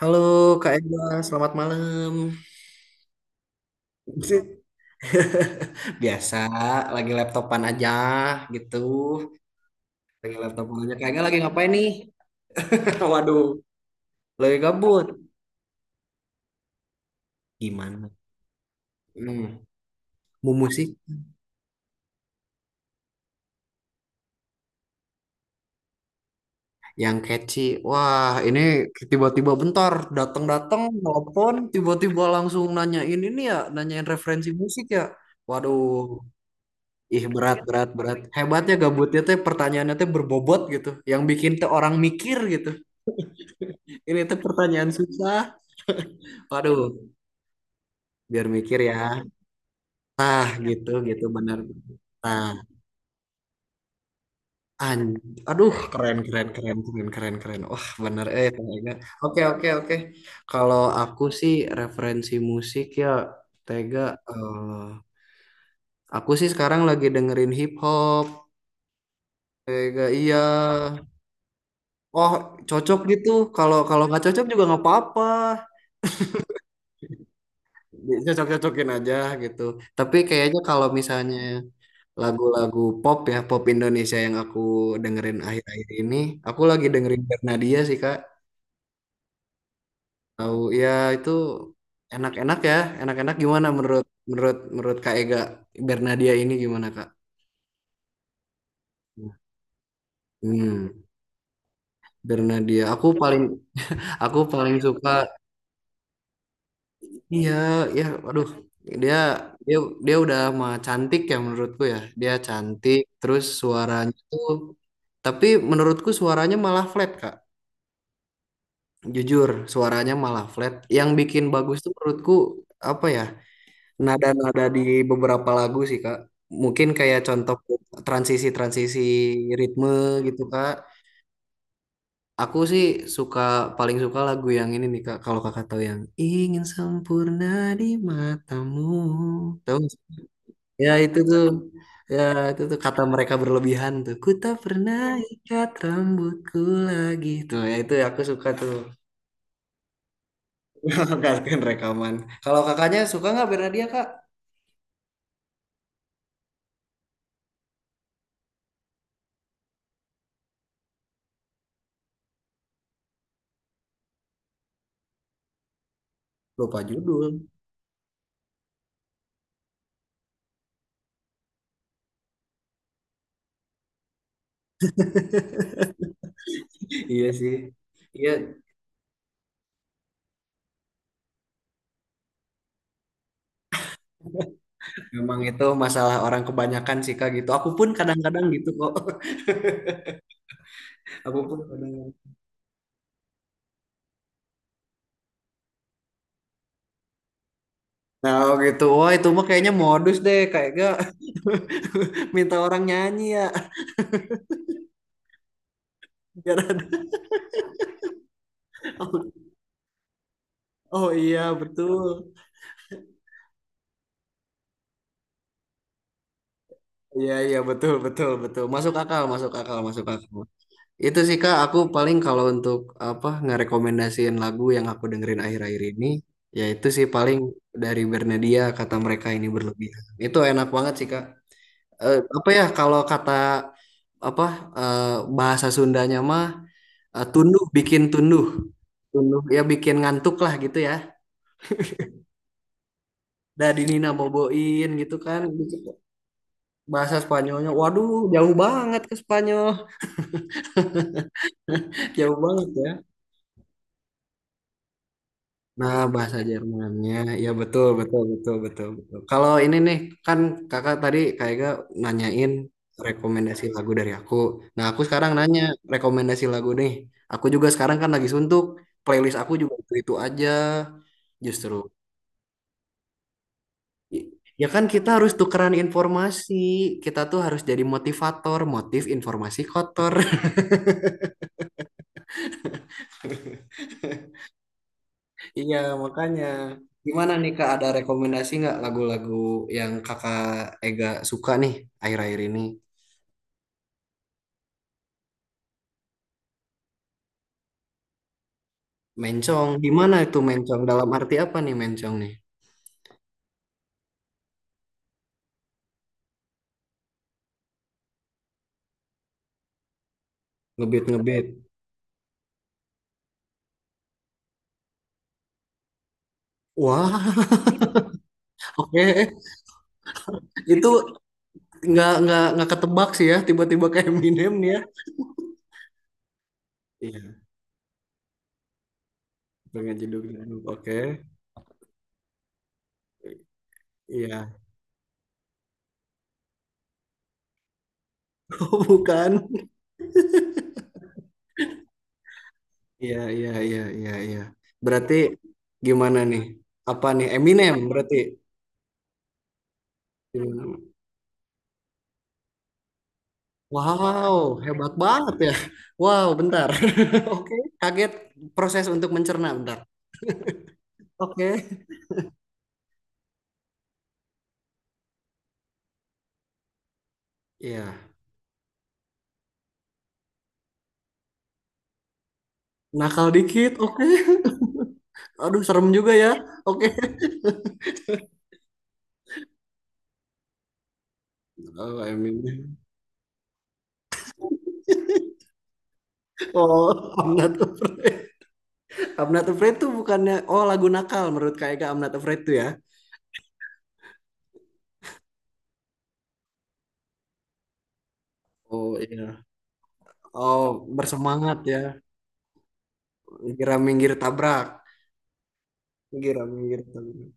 Halo Kak Ega, selamat malam. Biasa, lagi laptopan aja gitu. Lagi laptopan aja. Kak Ega lagi ngapain nih? Waduh, lagi gabut. Gimana? Hmm, mau musik yang catchy. Wah, ini tiba-tiba bentar datang-datang telepon, tiba-tiba langsung nanyain ini ya, nanyain referensi musik ya. Waduh, ih berat berat berat. Hebatnya gabutnya teh pertanyaannya teh berbobot gitu, yang bikin teh orang mikir gitu. Ini tuh pertanyaan susah. Waduh, biar mikir ya. Tah gitu gitu bener. Nah, an aduh keren keren keren keren keren keren. Wah, bener eh Kang Ega. Oke oke oke. Kalau aku sih referensi musik ya. Tega eh, aku sih sekarang lagi dengerin hip hop. Tega iya. Oh, cocok gitu. Kalau kalau nggak cocok juga nggak apa-apa. Cocok-cocokin aja gitu. Tapi kayaknya kalau misalnya lagu-lagu pop ya, pop Indonesia yang aku dengerin akhir-akhir ini. Aku lagi dengerin Bernadia sih, Kak. Tahu ya itu enak-enak ya, enak-enak gimana menurut menurut menurut Kak Ega, Bernadia ini gimana, Kak? Hmm, Bernadia. Aku paling suka iya ya aduh dia dia Dia udah mah cantik ya menurutku ya. Dia cantik terus suaranya tuh tapi menurutku suaranya malah flat, Kak. Jujur, suaranya malah flat. Yang bikin bagus tuh menurutku apa ya? Nada-nada di beberapa lagu sih, Kak. Mungkin kayak contoh transisi-transisi ritme gitu, Kak. Aku sih suka paling suka lagu yang ini nih, Kak. Kalau Kakak tahu yang ingin sempurna di matamu. Tahu nggak sih? Ya itu tuh. Ya itu tuh kata mereka berlebihan tuh. Ku tak pernah ikat rambutku lagi. Tuh, ya itu aku suka tuh. Mengharuskan rekaman. Kalau kakaknya suka nggak Bernadia, Kak? Lupa judul. Iya sih. Iya, memang itu masalah orang kebanyakan sih Kak gitu. Aku pun kadang-kadang gitu kok. Aku pun kadang. Nah, oh gitu. Wah, itu mah kayaknya modus deh. Kayak gak minta orang nyanyi ya. Biar ada- Oh, iya, betul. Iya, iya, betul, betul, betul. Masuk akal, masuk akal, masuk akal. Itu sih Kak, aku paling kalau untuk apa ngerekomendasiin lagu yang aku dengerin akhir-akhir ini, ya itu sih paling dari Bernadia kata mereka ini berlebihan. Itu enak banget sih Kak. Apa ya kalau kata apa eh, bahasa Sundanya mah tunduh bikin tunduh. Tunduh ya bikin ngantuk lah gitu ya. Dari Nina boboin gitu kan bahasa Spanyolnya. Waduh, jauh banget ke Spanyol. Jauh banget ya. Nah, bahasa Jermannya, ya betul, betul, betul, betul, betul. Kalau ini nih, kan kakak tadi kayaknya nanyain rekomendasi lagu dari aku. Nah, aku sekarang nanya rekomendasi lagu nih. Aku juga sekarang kan lagi suntuk, playlist aku juga itu-itu aja, justru. I- Ya kan kita harus tukeran informasi, kita tuh harus jadi motivator, motif informasi kotor. Iya, makanya. Gimana nih Kak, ada rekomendasi nggak lagu-lagu yang Kakak Ega suka nih akhir-akhir ini? Mencong, gimana itu mencong? Dalam arti apa nih mencong nih? Ngebit-ngebit. Wah, oke. Itu nggak ketebak sih ya, tiba-tiba kayak Eminem nih ya. Iya, pengen jeduk jeduk. Oke. Iya. Oh, bukan. Iya, iya, iya, iya, iya. Berarti gimana nih? Apa nih Eminem berarti? Wow, hebat banget ya. Wow, bentar. Oke, kaget proses untuk mencerna bentar. Oke. Iya, nakal dikit. Oke. Aduh, serem juga ya. Oke. Oh, I mean. Oh, I'm not afraid. I'm not afraid tuh bukannya oh lagu nakal menurut Kak Ega I'm not afraid tuh ya. Oh iya. Oh, bersemangat ya. Kira minggir tabrak. Kira minggir tabrak.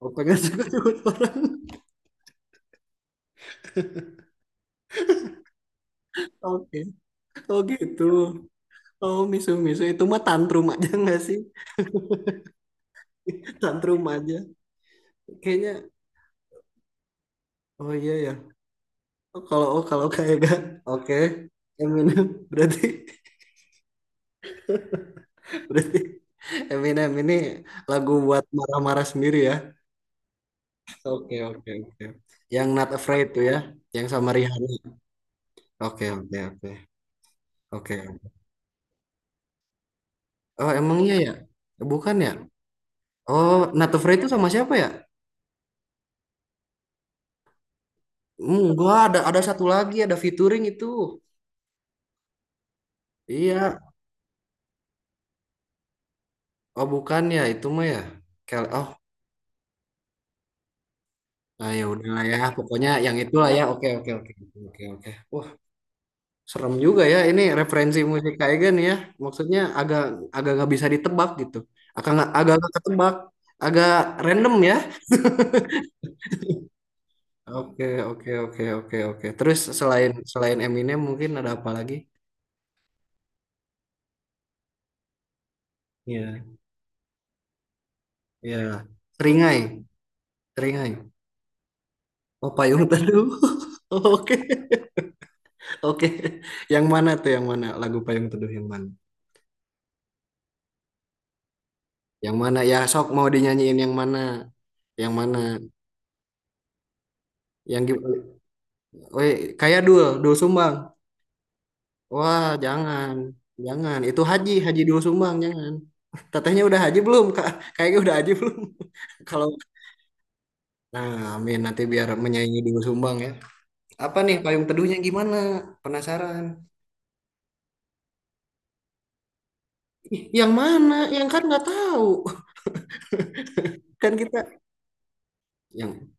Oh, pengen suka-suka orang. Oke. Oh gitu. Oh, misu-misu itu mah tantrum aja nggak sih? Tantrum aja kayaknya. Oh iya ya. Oh, kalau oh kalau kayak kan oke Eminem berarti berarti Eminem ini lagu buat marah-marah sendiri ya. Oke oke oke. Yang Not Afraid tuh ya, yang sama Rihanna. Oke oke oke oke. Oh emang iya ya. Bukan ya. Oh Not Afraid itu sama siapa ya. Hmm, gua ada satu lagi ada featuring itu. Iya. Oh bukan ya itu mah ya. Oh. Nah, ya udahlah ya, pokoknya yang itulah ya. Oke, oke, oke, oke, oke. Oke. Wah, serem juga ya. Ini referensi musik kayak gini ya. Maksudnya agak agak nggak bisa ditebak gitu. Agak nggak ketebak, agak random ya. Oke, oke, oke, oke, oke. Terus selain selain Eminem mungkin ada apa lagi? Iya, iya. Seringai, seringai. Oh, Payung Teduh. Oke, oke. Yang mana tuh? Yang mana lagu Payung Teduh yang mana? Yang mana? Ya, sok mau dinyanyiin yang mana? Yang mana? Yang gimana? Weh, kayak dul sumbang. Wah, jangan, jangan. Itu haji dul sumbang, jangan. Tetehnya udah haji belum, Kak? Kayaknya udah haji belum. Kalau, nah, amin nanti biar menyaingi dul sumbang ya. Apa nih payung teduhnya gimana? Penasaran. Ih, yang mana? Yang kan nggak tahu. Kan kita yang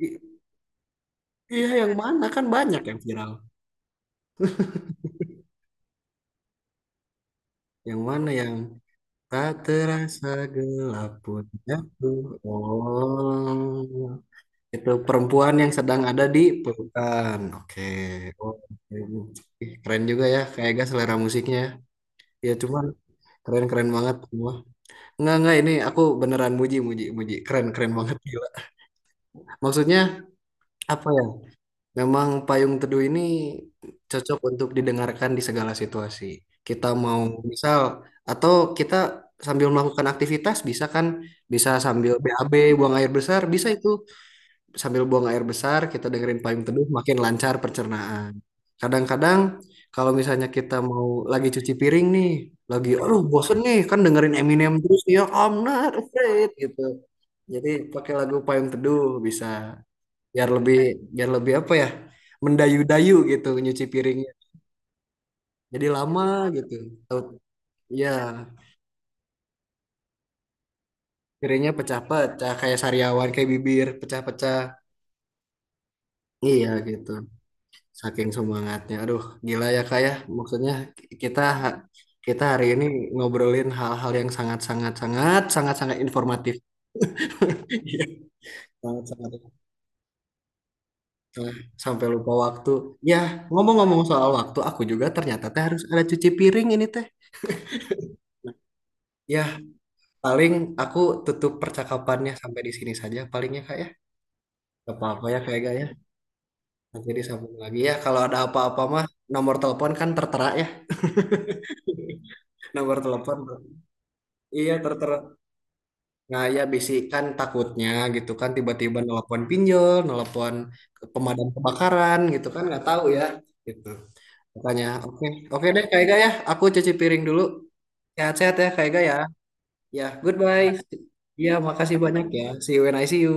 i- iya yang mana kan banyak yang viral. Yang mana yang tak terasa gelap pun jatuh. Oh. Itu perempuan yang sedang ada di pelukan. Oke. Oh, oke. Ih, keren juga ya, kayak gak selera musiknya. Ya cuman keren-keren banget semua. Enggak ini aku beneran muji, muji, muji. Keren-keren banget gila. Maksudnya apa ya? Memang Payung Teduh ini cocok untuk didengarkan di segala situasi. Kita mau misal atau kita sambil melakukan aktivitas bisa kan? Bisa sambil BAB buang air besar, bisa itu. Sambil buang air besar, kita dengerin payung teduh makin lancar pencernaan. Kadang-kadang kalau misalnya kita mau lagi cuci piring nih, lagi aduh bosen nih kan dengerin Eminem terus ya I'm not afraid gitu. Jadi pakai lagu payung teduh bisa biar lebih biar lebih apa ya? Mendayu-dayu gitu nyuci piringnya. Jadi lama gitu. Tau- Ya, piringnya pecah-pecah kayak sariawan kayak bibir pecah-pecah. Iya gitu. Saking semangatnya. Aduh, gila ya Kak ya. Maksudnya kita kita hari ini ngobrolin hal-hal yang sangat-sangat sangat sangat sangat informatif. Iya, sangat-sangat. Sampai lupa waktu. Ya, ngomong-ngomong soal waktu, aku juga ternyata teh harus ada cuci piring ini teh. Ya, paling aku tutup percakapannya sampai di sini saja palingnya Kak ya. Gak apa-apa ya kayak gak ya. Nanti disambung lagi ya. Kalau ada apa-apa mah nomor telepon kan tertera ya. Nomor telepon. Iya, tertera. Nah, ya bisikan takutnya gitu kan tiba-tiba nelpon pinjol, nelpon ke pemadam kebakaran gitu kan nggak tahu ya gitu. Makanya oke oke deh Kak Ega ya, aku cuci piring dulu. Sehat-sehat ya Kak Ega ya. Ya, goodbye. Ya makasih banyak ya. See you when I see you.